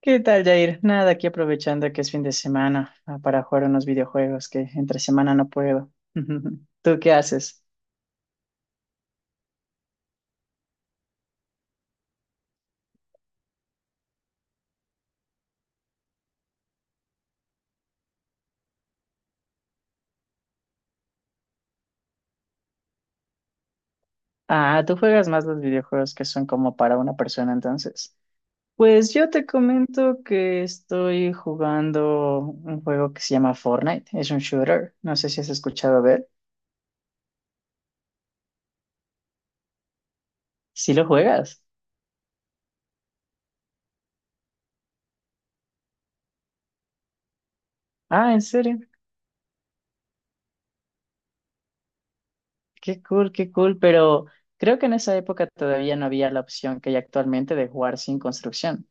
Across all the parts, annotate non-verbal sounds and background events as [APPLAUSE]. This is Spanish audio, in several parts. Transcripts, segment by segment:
¿Qué tal, Jair? Nada, aquí aprovechando que es fin de semana para jugar unos videojuegos que entre semana no puedo. [LAUGHS] ¿Tú qué haces? Ah, tú juegas más los videojuegos que son como para una persona, entonces. Pues yo te comento que estoy jugando un juego que se llama Fortnite. Es un shooter. No sé si has escuchado de él. ¿Sí lo juegas? Ah, ¿en serio? Qué cool, qué cool. Pero creo que en esa época todavía no había la opción que hay actualmente de jugar sin construcción.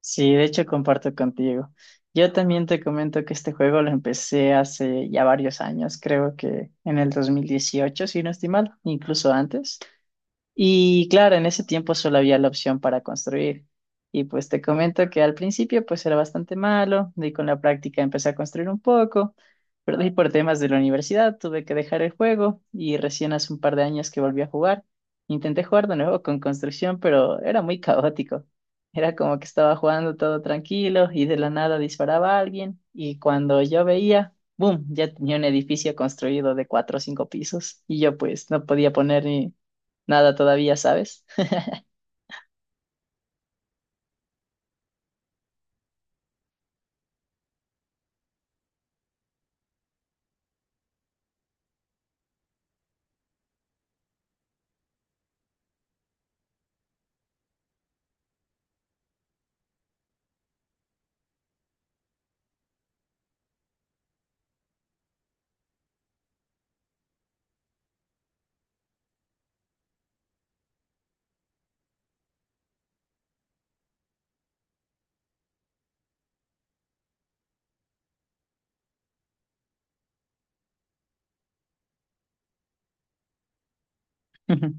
Sí, de hecho comparto contigo. Yo también te comento que este juego lo empecé hace ya varios años, creo que en el 2018, si no estoy mal, incluso antes. Y claro, en ese tiempo solo había la opción para construir. Y pues te comento que al principio pues era bastante malo, y con la práctica empecé a construir un poco, pero de ahí por temas de la universidad tuve que dejar el juego y recién hace un par de años que volví a jugar. Intenté jugar de nuevo con construcción, pero era muy caótico. Era como que estaba jugando todo tranquilo y de la nada disparaba a alguien y cuando yo veía, ¡boom!, ya tenía un edificio construido de cuatro o cinco pisos y yo pues no podía poner ni nada todavía, ¿sabes? [LAUGHS]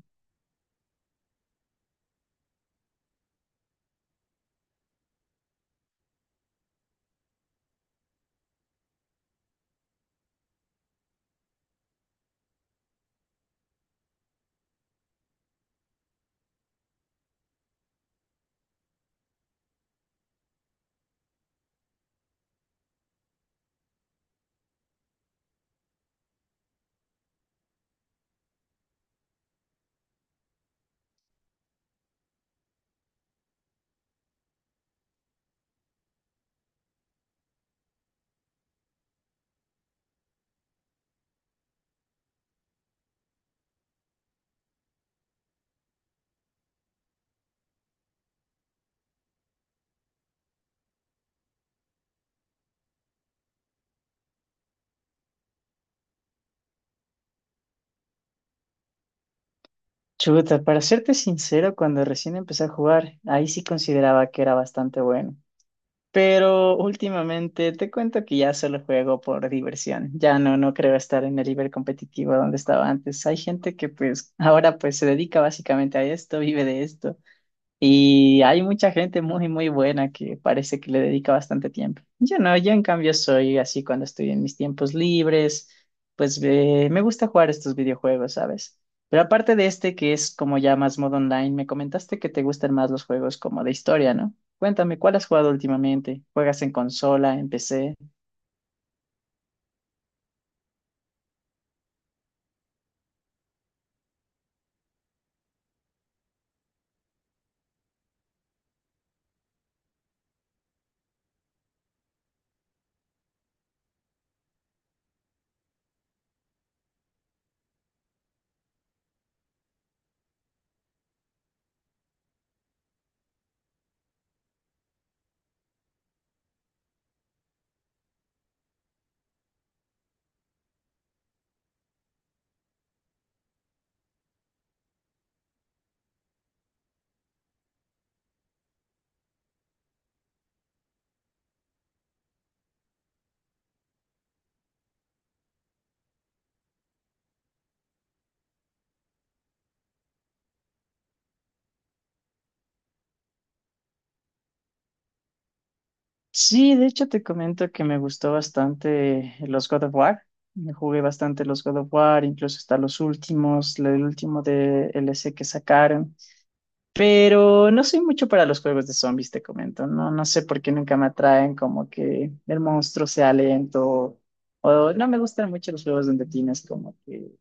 Chuta, para serte sincero, cuando recién empecé a jugar, ahí sí consideraba que era bastante bueno. Pero últimamente te cuento que ya solo juego por diversión. Ya no, no creo estar en el nivel competitivo donde estaba antes. Hay gente que pues ahora pues se dedica básicamente a esto, vive de esto. Y hay mucha gente muy, muy buena que parece que le dedica bastante tiempo. Yo no, yo en cambio soy así cuando estoy en mis tiempos libres, pues me gusta jugar estos videojuegos, ¿sabes? Pero aparte de este que es como ya más modo online, me comentaste que te gustan más los juegos como de historia, ¿no? Cuéntame, ¿cuál has jugado últimamente? ¿Juegas en consola, en PC? Sí, de hecho te comento que me gustó bastante los God of War. Me jugué bastante los God of War, incluso hasta los últimos, el último de L. C. que sacaron. Pero no soy mucho para los juegos de zombies, te comento. No, no sé por qué nunca me atraen, como que el monstruo sea lento. O no me gustan mucho los juegos donde tienes como que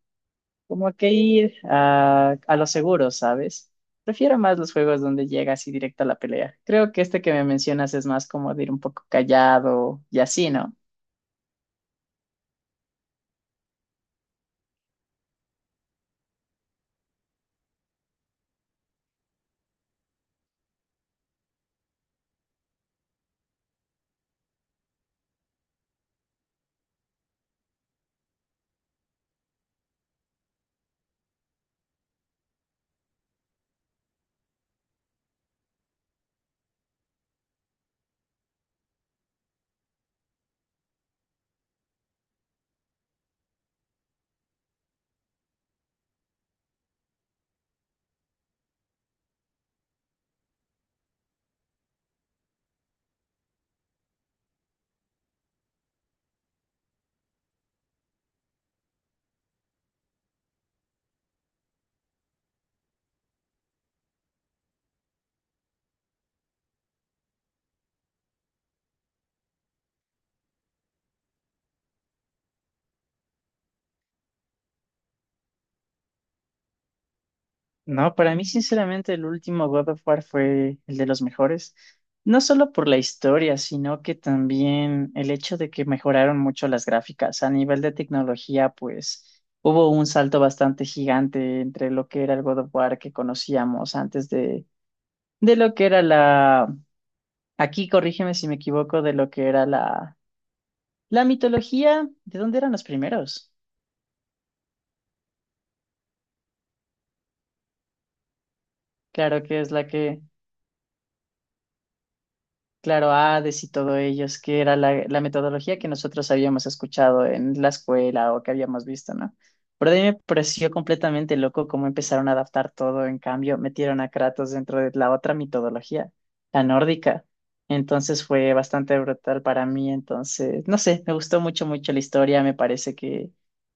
como que ir a lo seguro, ¿sabes? Prefiero más los juegos donde llega así directo a la pelea. Creo que este que me mencionas es más como de ir un poco callado y así, ¿no? No, para mí sinceramente el último God of War fue el de los mejores. No solo por la historia, sino que también el hecho de que mejoraron mucho las gráficas. A nivel de tecnología, pues hubo un salto bastante gigante entre lo que era el God of War que conocíamos antes de lo que era la Aquí corrígeme si me equivoco de lo que era la, la mitología. ¿De dónde eran los primeros? Claro, que es la que Claro, Hades y todo ellos, que era la metodología que nosotros habíamos escuchado en la escuela o que habíamos visto, ¿no? Pero a mí me pareció completamente loco cómo empezaron a adaptar todo, en cambio, metieron a Kratos dentro de la otra mitología, la nórdica. Entonces fue bastante brutal para mí, entonces, no sé, me gustó mucho, mucho la historia, me parece que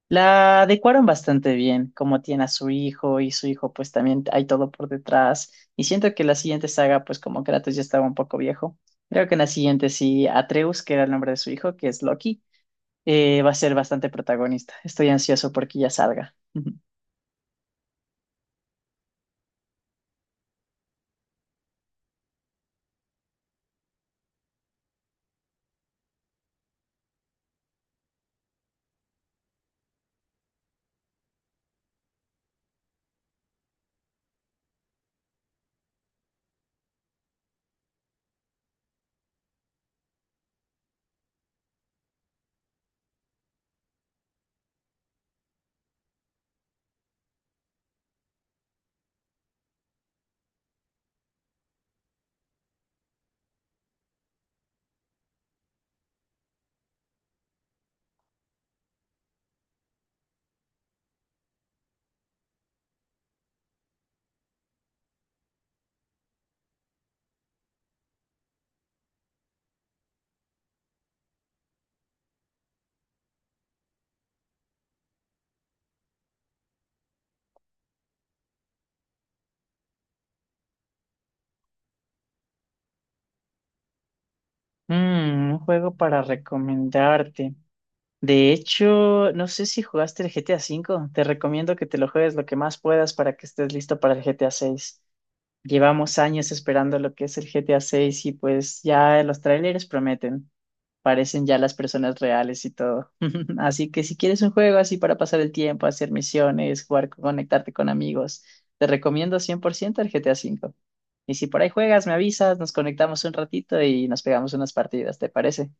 la adecuaron bastante bien, como tiene a su hijo y su hijo pues también hay todo por detrás. Y siento que la siguiente saga, pues como Kratos ya estaba un poco viejo. Creo que en la siguiente sí, Atreus, que era el nombre de su hijo, que es Loki, va a ser bastante protagonista. Estoy ansioso porque ya salga. [LAUGHS] Mm, un juego para recomendarte. De hecho, no sé si jugaste el GTA 5. Te recomiendo que te lo juegues lo que más puedas para que estés listo para el GTA 6. Llevamos años esperando lo que es el GTA 6 y pues ya los trailers prometen. Parecen ya las personas reales y todo. [LAUGHS] Así que si quieres un juego así para pasar el tiempo, hacer misiones, jugar, conectarte con amigos, te recomiendo 100% el GTA V. Y si por ahí juegas, me avisas, nos conectamos un ratito y nos pegamos unas partidas, ¿te parece?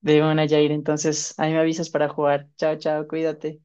De una, Jair, entonces ahí me avisas para jugar. Chao, chao, cuídate.